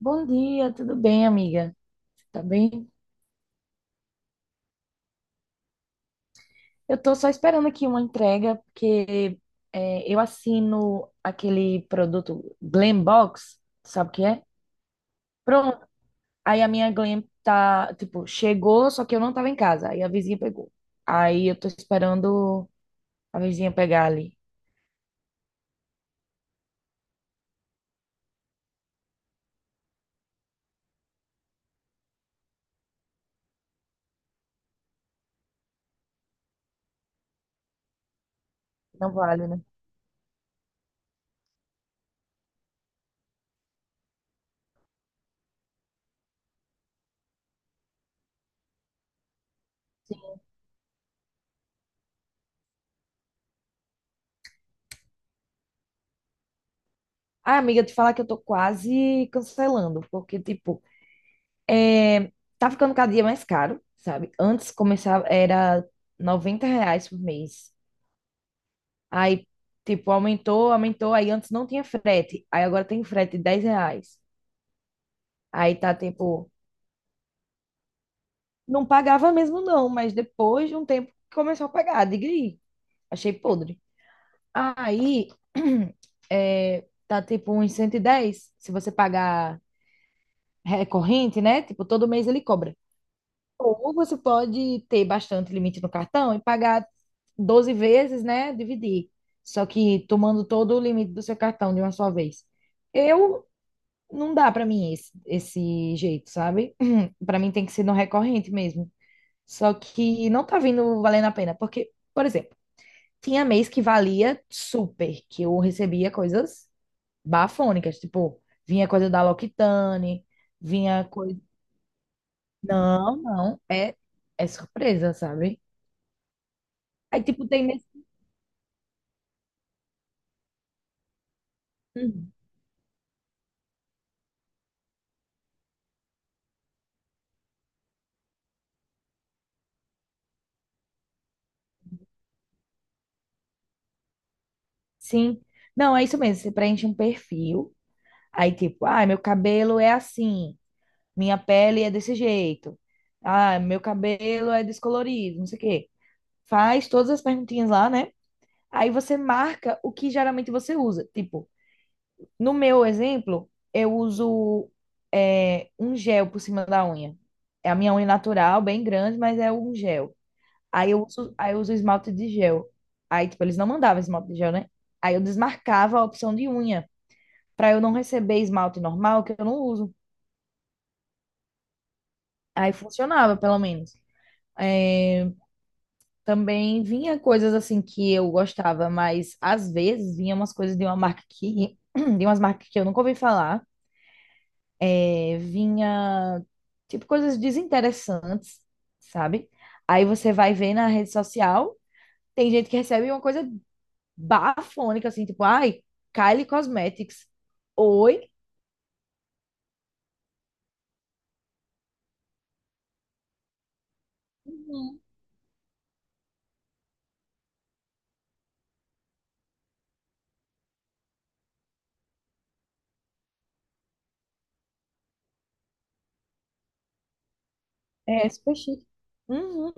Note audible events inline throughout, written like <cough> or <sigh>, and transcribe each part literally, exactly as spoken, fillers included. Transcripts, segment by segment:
Bom dia, tudo bem, amiga? Tá bem? Eu tô só esperando aqui uma entrega, porque é, eu assino aquele produto Glam Box, sabe o que é? Pronto. Aí a minha Glam tá, tipo, chegou, só que eu não tava em casa. Aí a vizinha pegou. Aí eu tô esperando a vizinha pegar ali. Não vale, né? Ah, amiga, te falar que eu tô quase cancelando, porque, tipo, É, tá ficando cada dia mais caro, sabe? Antes começava, era noventa reais por mês. Aí, tipo, aumentou, aumentou. Aí antes não tinha frete. Aí agora tem frete de dez reais. Aí tá, tipo, não pagava mesmo não, mas depois de um tempo começou a pagar. Diga aí. Achei podre. Aí, <clears throat> é, tá, tipo, uns cento e dez. Se você pagar recorrente, né? Tipo, todo mês ele cobra. Ou você pode ter bastante limite no cartão e pagar doze vezes, né? Dividir. Só que tomando todo o limite do seu cartão de uma só vez. Eu não dá para mim esse, esse jeito, sabe? <clears throat> Para mim tem que ser no recorrente mesmo. Só que não tá vindo valendo a pena, porque, por exemplo, tinha mês que valia super, que eu recebia coisas bafônicas, tipo, vinha coisa da L'Occitane, vinha coisa. Não, não, é, é surpresa, sabe? Aí, tipo, tem nesse... Uhum. Sim. Não, é isso mesmo. Você preenche um perfil. Aí, tipo, ah, meu cabelo é assim. Minha pele é desse jeito. Ah, meu cabelo é descolorido, não sei o quê. Faz todas as perguntinhas lá, né? Aí você marca o que geralmente você usa. Tipo, no meu exemplo, eu uso é, um gel por cima da unha. É a minha unha natural, bem grande, mas é um gel. Aí eu uso, aí eu uso esmalte de gel. Aí, tipo, eles não mandavam esmalte de gel, né? Aí eu desmarcava a opção de unha, pra eu não receber esmalte normal, que eu não uso. Aí funcionava, pelo menos. Também vinha coisas assim que eu gostava, mas às vezes vinha umas coisas de uma marca que, <clears throat> de umas marcas que eu nunca ouvi falar. É, vinha, tipo, coisas desinteressantes, sabe? Aí você vai ver na rede social, tem gente que recebe uma coisa bafônica, assim, tipo, ai, Kylie Cosmetics. Oi? Uhum. É super chique. Uhum.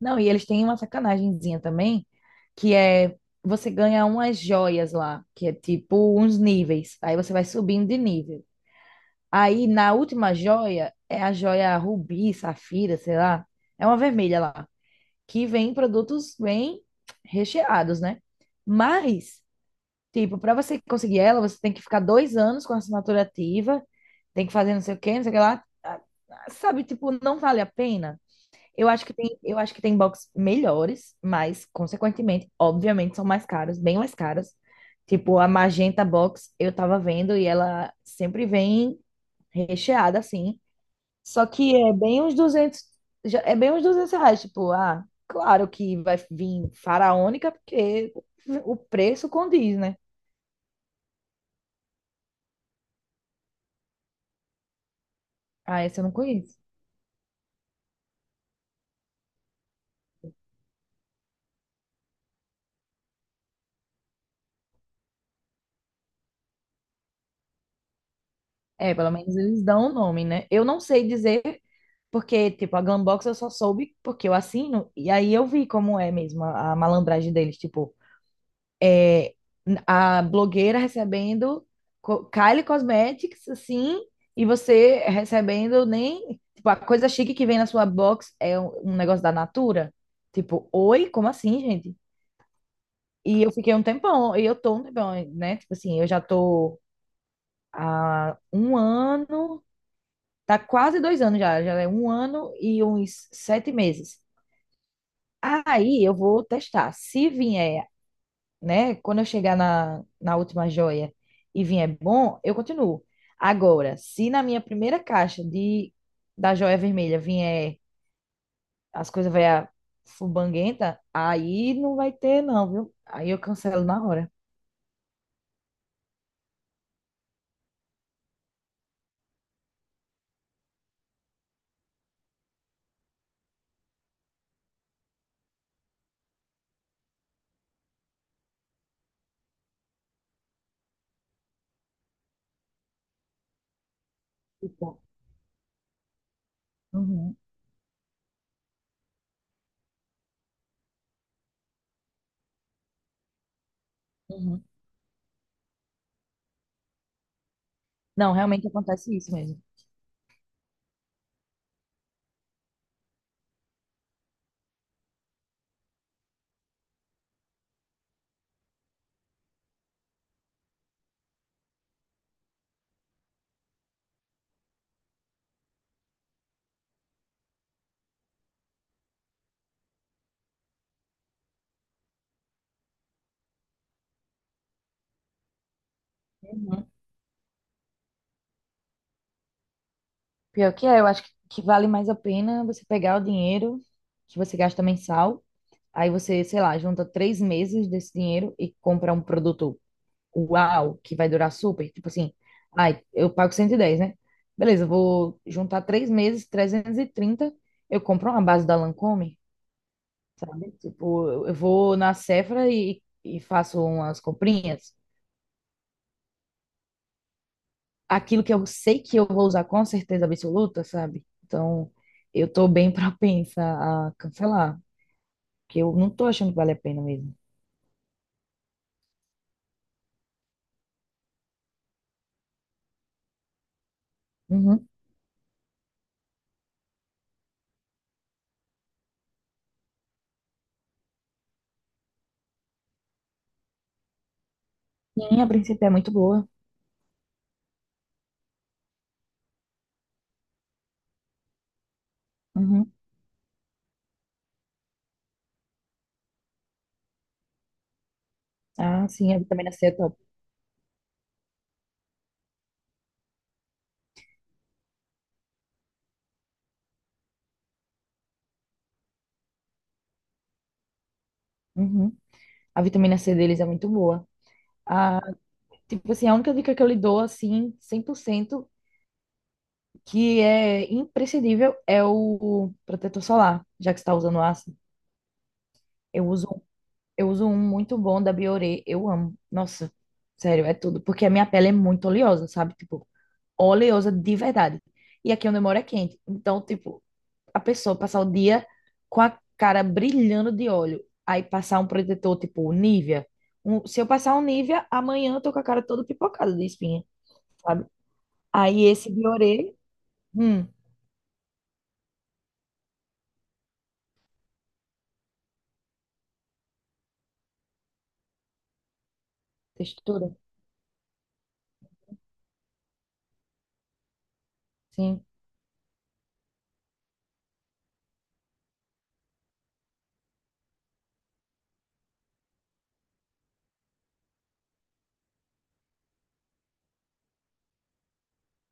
Não, e eles têm uma sacanagemzinha também, que é você ganha umas joias lá, que é tipo uns níveis. Aí você vai subindo de nível. Aí na última joia é a joia rubi, safira, sei lá. É uma vermelha lá, que vem em produtos bem recheados, né? Mas, tipo, para você conseguir ela, você tem que ficar dois anos com a assinatura ativa, tem que fazer não sei o quê, não sei o que lá. Sabe, tipo, não vale a pena. Eu acho que tem, eu acho que tem box melhores, mas, consequentemente, obviamente, são mais caros bem mais caras. Tipo, a Magenta Box eu tava vendo e ela sempre vem recheada, assim. Só que é bem uns duzentos já- é bem uns duzentos reais. Tipo, ah, claro que vai vir faraônica, porque o preço condiz, né? Ah, essa eu não conheço. É, pelo menos eles dão o nome, né? Eu não sei dizer. Porque, tipo, a Glambox eu só soube porque eu assino, e aí eu vi como é mesmo a, a malandragem deles. Tipo, é, a blogueira recebendo co- Kylie Cosmetics, assim, e você recebendo nem. Tipo, a coisa chique que vem na sua box é um, um negócio da Natura. Tipo, oi, como assim, gente? E eu fiquei um tempão, e eu tô um tempão, né? Tipo assim, eu já tô há um ano, tá quase dois anos já, já é um ano e uns sete meses. Aí eu vou testar. Se vier, né? Quando eu chegar na, na última joia e vier bom, eu continuo. Agora, se na minha primeira caixa de, da joia vermelha vier as coisas vai fubanguenta, aí não vai ter, não, viu? Aí eu cancelo na hora. Tipo, uhum, uhum. Não, realmente acontece isso mesmo. Uhum. Pior que é, eu acho que que vale mais a pena você pegar o dinheiro que você gasta mensal. Aí você, sei lá, junta três meses desse dinheiro e compra um produto uau, que vai durar super. Tipo assim, ai, eu pago cento e dez, né? Beleza, eu vou juntar três meses, trezentos e trinta, eu compro uma base da Lancôme, sabe? Tipo, eu eu vou na Sephora e, e faço umas comprinhas. Aquilo que eu sei que eu vou usar com certeza absoluta, sabe? Então, eu tô bem <laughs> propensa a cancelar, porque eu não tô achando que vale a pena mesmo. Uhum. Sim, a princípio é muito boa. Uhum. Ah, sim, a vitamina C é top. Uhum. A vitamina C deles é muito boa. A tipo assim, a única dica que eu lhe dou, assim, cem por cento que é imprescindível, é o protetor solar, já que você está usando ácido. Eu uso, eu uso um muito bom da Bioré, eu amo. Nossa, sério, é tudo. Porque a minha pele é muito oleosa, sabe? Tipo, oleosa de verdade. E aqui onde eu moro é quente. Então, tipo, a pessoa passar o dia com a cara brilhando de óleo, aí passar um protetor tipo Nivea. Um- se eu passar um Nivea, amanhã eu tô com a cara toda pipocada de espinha, sabe? Aí esse Bioré. Hum. Textura. Sim.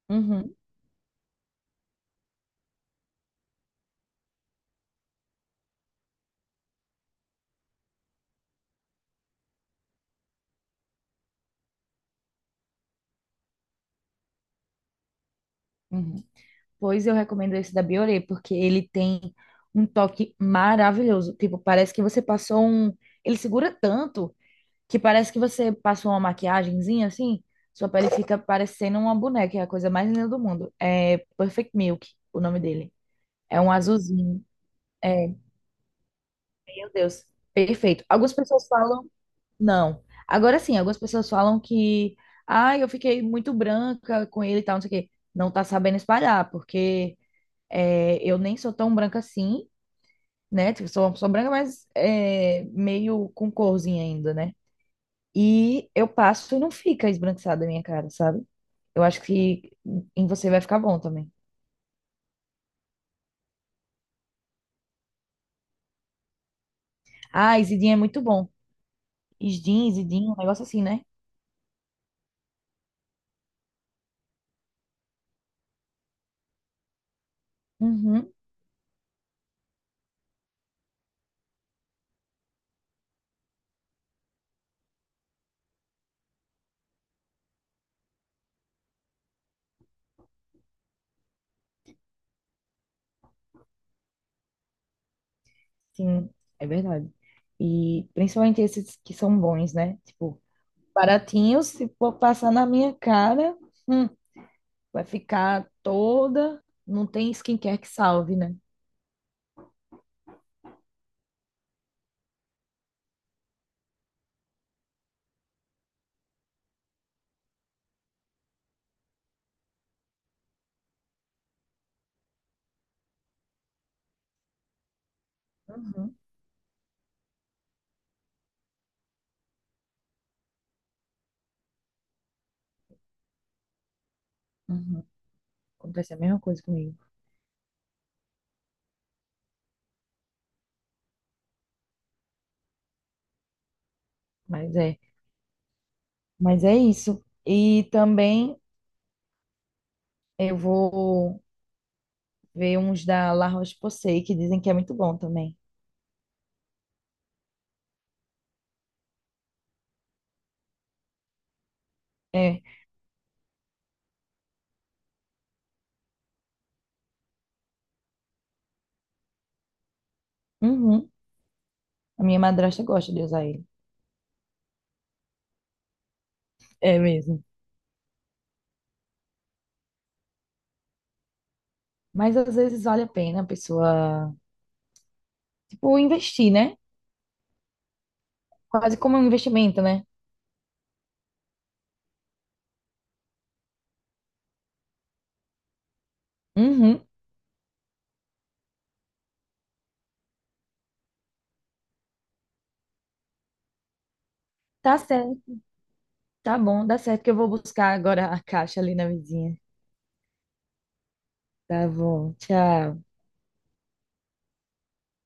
Uhum, uhum. Pois eu recomendo esse da Bioré, porque ele tem um toque maravilhoso. Tipo, parece que você passou um. Ele segura tanto que parece que você passa uma maquiagemzinha assim, sua pele fica parecendo uma boneca, é a coisa mais linda do mundo. É Perfect Milk, o nome dele. É um azulzinho. É, meu Deus, perfeito. Algumas pessoas falam, não. Agora sim, algumas pessoas falam que, ah, eu fiquei muito branca com ele e tal, não sei o quê. Não tá sabendo espalhar, porque é, eu nem sou tão branca assim, né? Tipo, sou uma pessoa branca, mas é, meio com corzinha ainda, né? E eu passo e não fica esbranquiçada a minha cara, sabe? Eu acho que em você vai ficar bom também. Ah, Isidinha é muito bom. Isdin, Isidinha, um negócio assim, né? Uhum, sim, é verdade. E principalmente esses que são bons, né? Tipo, baratinhos, se for passar na minha cara, hum, vai ficar toda. Não tem skincare que salve, né? Uhum, uhum. Acontece a mesma coisa comigo. Mas é, mas é isso. E também eu vou. Veio uns da La Roche-Posay, que dizem que é muito bom também. É. Uhum. A minha madrasta gosta de usar ele. É mesmo. Mas às vezes vale a pena a pessoa, tipo, investir, né? Quase como um investimento, né? Uhum. Tá certo. Tá bom, dá certo que eu vou buscar agora a caixa ali na vizinha. Tá bom. Tchau.